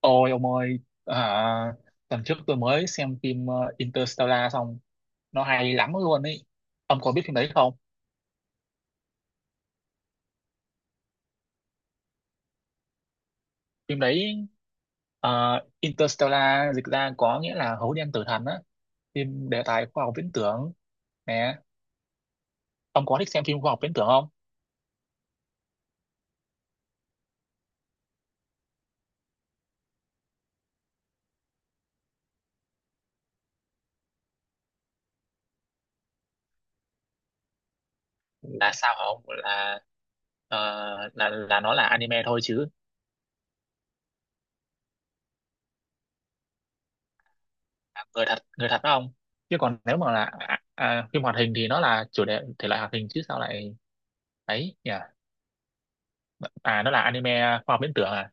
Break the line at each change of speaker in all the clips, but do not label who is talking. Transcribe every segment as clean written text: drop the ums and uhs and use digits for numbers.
Ôi ông ơi, à, tuần trước tôi mới xem phim Interstellar xong, nó hay lắm luôn ấy. Ông có biết phim đấy không? Phim đấy ờ, Interstellar dịch ra có nghĩa là hố đen tử thần á, phim đề tài khoa học viễn tưởng nè. Ông có thích xem phim khoa học viễn tưởng không? Là sao hả ông? Ờ, là nó là anime thôi chứ. À, người thật đó ông. Chứ còn nếu mà là phim hoạt hình thì nó là chủ đề thể loại hoạt hình chứ sao lại ấy nhỉ? À nó là anime à, khoa học viễn tưởng à.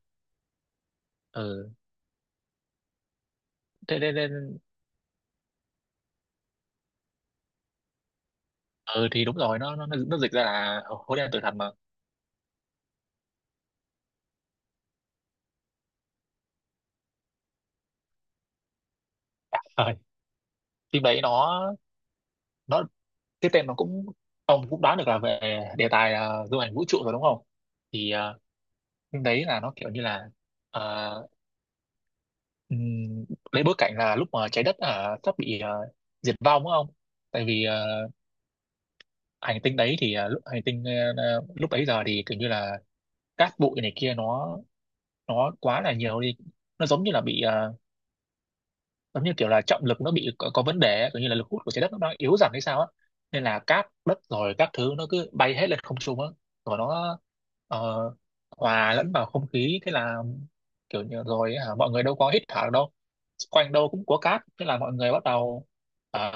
Ừ thế nên nên- ừ thì đúng rồi, nó dịch ra là hố đen tử thần mà. Rồi. Phim đấy nó, cái tên nó cũng, ông cũng đoán được là về đề tài du hành vũ trụ rồi đúng không. Thì phim đấy là nó kiểu như là, ờ, ừm, lấy bối cảnh là lúc mà trái đất sắp bị diệt vong đúng không. Tại vì hành tinh đấy thì lúc hành tinh lúc bấy giờ thì kiểu như là cát bụi này kia nó quá là nhiều đi, nó giống như là bị, giống như kiểu là trọng lực nó bị có vấn đề ấy, kiểu như là lực hút của trái đất nó đang yếu dần hay sao á, nên là cát đất rồi các thứ nó cứ bay hết lên không trung á, rồi nó ờ, hòa lẫn vào không khí. Thế là kiểu như rồi hả, mọi người đâu có hít thở được đâu, quanh đâu cũng có cát, thế là mọi người bắt đầu ờ,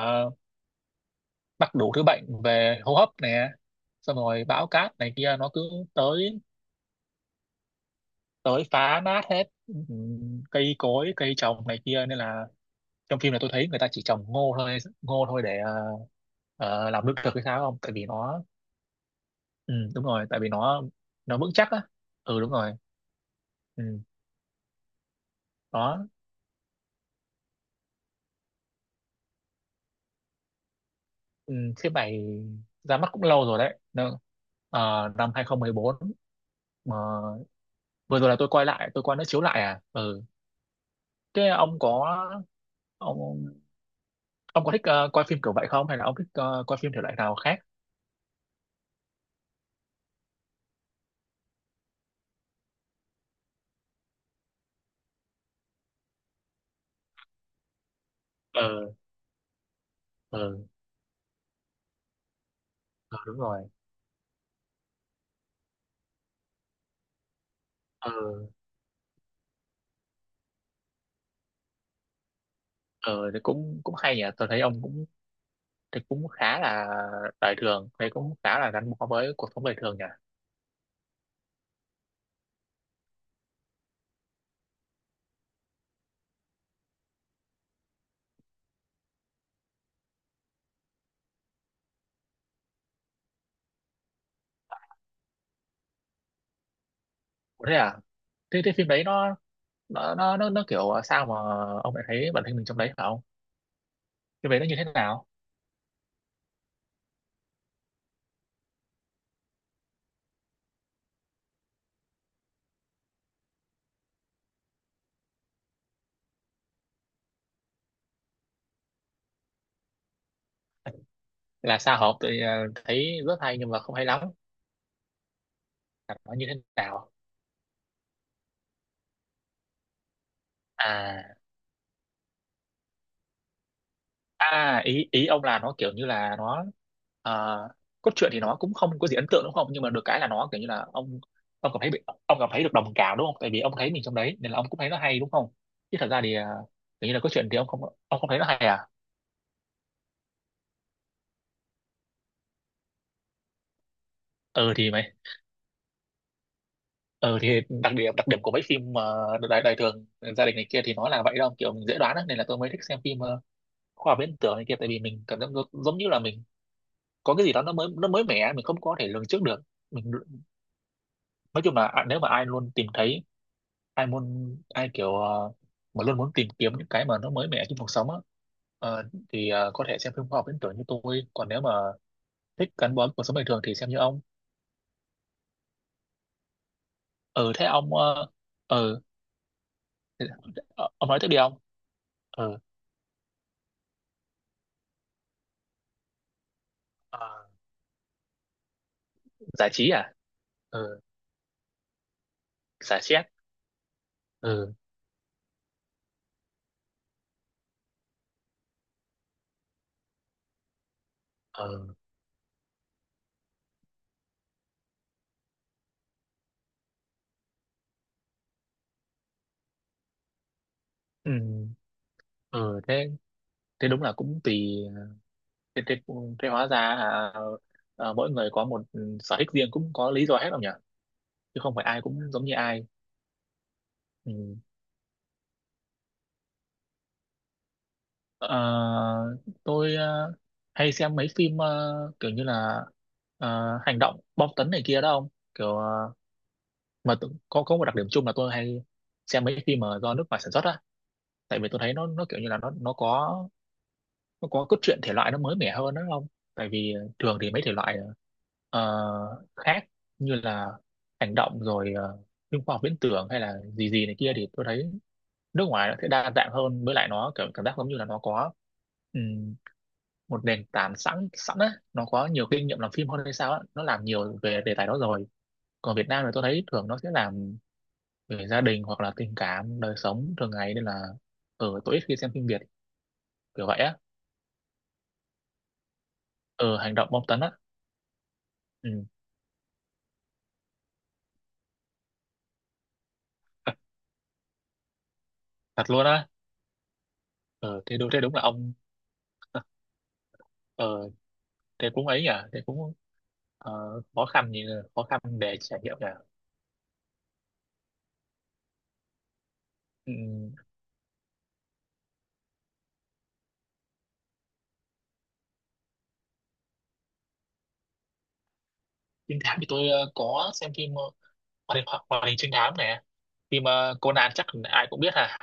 mắc đủ thứ bệnh về hô hấp nè. Xong rồi bão cát này kia nó cứ tới tới phá nát hết, cây cối cây trồng này kia, nên là trong phim này tôi thấy người ta chỉ trồng ngô thôi để làm lương thực hay sao không, tại vì nó, ừ, đúng rồi tại vì nó vững chắc á. Ừ đúng rồi. Ừ, đó. Ừ, phim này ra mắt cũng lâu rồi đấy. Năm 2014, mà vừa rồi là tôi quay lại tôi coi nó chiếu lại. À ừ. Thế ông ông có thích coi phim kiểu vậy không, hay là ông thích coi phim thể loại nào khác. Ờ ờ ờ, đúng rồi. Ờ ờ thì cũng cũng hay nhỉ, tôi thấy ông cũng thì cũng khá là đời thường đấy, cũng khá là gắn bó với cuộc sống đời thường nhỉ. Ủa thế à? Thế, phim đấy nó, nó kiểu sao mà ông lại thấy bản thân mình trong đấy phải không? Phim đấy nó như thế nào? Là sao, hợp tôi thấy rất hay nhưng mà không hay lắm, là nó như thế nào à? À, ý ý ông là nó kiểu như là nó ờ, cốt truyện thì nó cũng không có gì ấn tượng đúng không? Nhưng mà được cái là nó kiểu như là ông cảm thấy được đồng cảm đúng không? Tại vì ông thấy mình trong đấy nên là ông cũng thấy nó hay đúng không? Chứ thật ra thì kiểu như là cốt truyện thì ông không thấy nó hay à? Ừ thì mày ừ thì đặc điểm của mấy phim đời đời thường, gia đình này kia thì nó là vậy đâu, kiểu mình dễ đoán á, nên là tôi mới thích xem phim khoa học viễn tưởng này kia, tại vì mình cảm giác giống giống như là mình có cái gì đó nó mới mẻ, mình không có thể lường trước được mình. Nói chung là nếu mà ai luôn tìm thấy ai muốn ai kiểu ờ, mà luôn muốn tìm kiếm những cái mà nó mới mẻ trong cuộc sống á, ờ, thì có thể xem phim khoa học viễn tưởng như tôi, còn nếu mà thích gắn bó với cuộc sống bình thường thì xem như ông. Ừ thế ông ờ, ừ thế- ờ, ông nói tiếp đi ông. Ừ. ờ, Giải trí à. Ừ, giải stress. Ừ. ừ. Ừ. ừ thế, thế đúng là cũng tùy. Thế, thế, thế hóa ra mỗi người có một, sở thích riêng cũng có lý do hết không nhỉ, chứ không phải ai cũng giống như ai. Ừ. Ờ, tôi hay xem mấy phim kiểu như là hành động bom tấn này kia đó ông, kiểu có một đặc điểm chung là tôi hay xem mấy phim mà do nước ngoài sản xuất á, tại vì tôi thấy nó kiểu như là nó có cốt truyện thể loại nó mới mẻ hơn đó không. Tại vì thường thì mấy thể loại khác như là hành động rồi phim khoa học viễn tưởng hay là gì gì này kia thì tôi thấy nước ngoài nó sẽ đa dạng hơn, với lại nó kiểu cảm giác giống như là nó có một nền tảng sẵn sẵn á, nó có nhiều kinh nghiệm làm phim hơn hay sao á, nó làm nhiều về đề tài đó rồi. Còn Việt Nam thì tôi thấy thường nó sẽ làm về gia đình hoặc là tình cảm đời sống thường ngày, nên là tôi ít khi xem phim Việt kiểu vậy á. Hành động bom tấn á. Ừ, thật, thật luôn á. Ờ thế đúng là ông. ờ Thế cũng ấy nhỉ, thế cũng ờ, khó khăn nhỉ, khó khăn để trải nghiệm nhỉ. Ừ, trinh thám thì tôi có xem phim hoạt hình trinh thám này, phim Conan chắc ai cũng biết ha,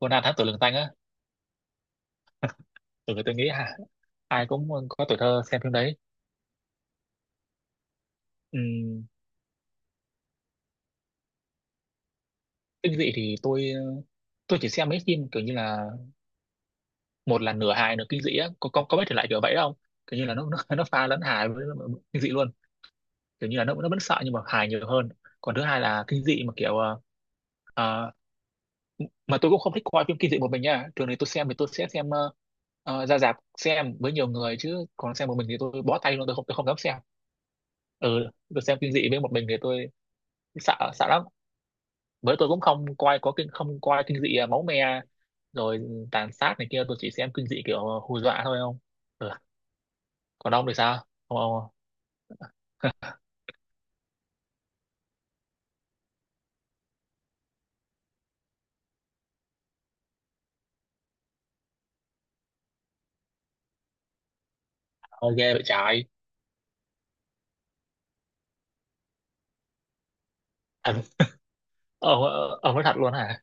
Conan thám tử lừng tanh á, từ người tôi nghĩ hả, ai cũng có tuổi thơ xem phim đấy. Ừm, Kinh dị thì tôi, chỉ xem mấy phim kiểu như là, một là nửa hài nửa kinh dị á, có biết thể loại kiểu vậy không, kiểu như là nó, nó pha lẫn hài với kinh dị luôn, kiểu như là nó vẫn sợ nhưng mà hài nhiều hơn. Còn thứ hai là kinh dị mà kiểu ờ, mà tôi cũng không thích coi phim kinh dị một mình nha, thường thì tôi sẽ xem ra rạp xem với nhiều người, chứ còn xem một mình thì tôi bó tay luôn, tôi không dám xem. Ừ, tôi xem kinh dị với một mình thì tôi sợ sợ lắm, với tôi cũng không coi, có kinh không coi kinh dị máu me rồi tàn sát này kia, tôi chỉ xem kinh dị kiểu hù dọa thôi không. Ừ. Còn ông thì sao ông, ông vậy trái. Thật. ông ông nói thật luôn hả?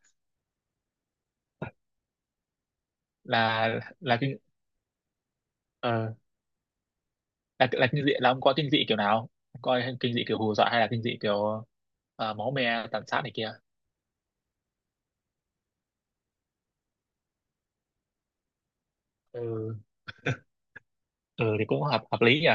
Là là kinh ờ, là là kinh dị là ông coi kinh dị kiểu nào? Coi kinh dị kiểu hù dọa hay là kinh dị kiểu máu me tàn sát này kia. Ừ, ừ thì cũng hợp hợp lý nhỉ.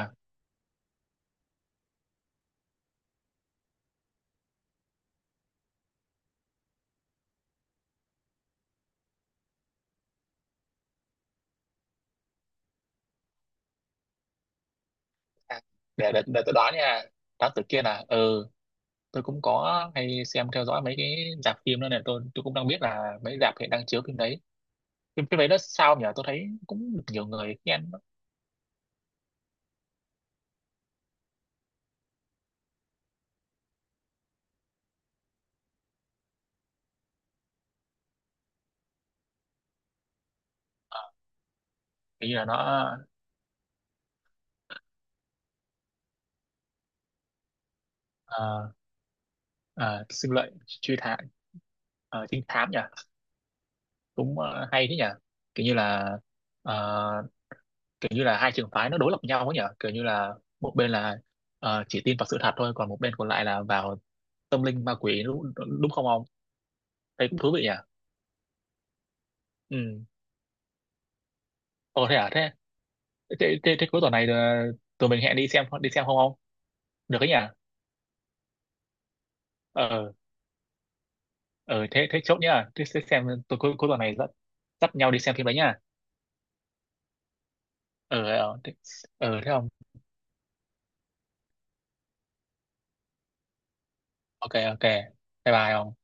À, để tôi đoán nha, đoán từ kia là ừ, tôi cũng có hay xem theo dõi mấy cái rạp phim đó này, tôi cũng đang biết là mấy rạp hiện đang chiếu phim đấy. Phim Phim đấy nó sao nhỉ, tôi thấy cũng được nhiều người khen. Hình như là nó ờ, ờ, sinh lợi, truy thám, trinh thám nhỉ, cũng hay thế nhỉ, kiểu như là ờ, hai trường phái nó đối lập nhau ấy nhỉ, kiểu như là một bên là chỉ tin vào sự thật thôi, còn một bên còn lại là vào tâm linh ma quỷ, đúng không ông, thấy cũng thú vị nhỉ. Ừ. Ồ thế à, thế, thế cuối tuần này tụi mình hẹn đi xem không, không được ấy nhỉ. ờ ờ Thế, thế chốt nhá, thế xem tụi cuối cuối tuần này dắt dắt nhau đi xem phim đấy nhá. Ờ Thế, thế không. Ok ok, bye bye không.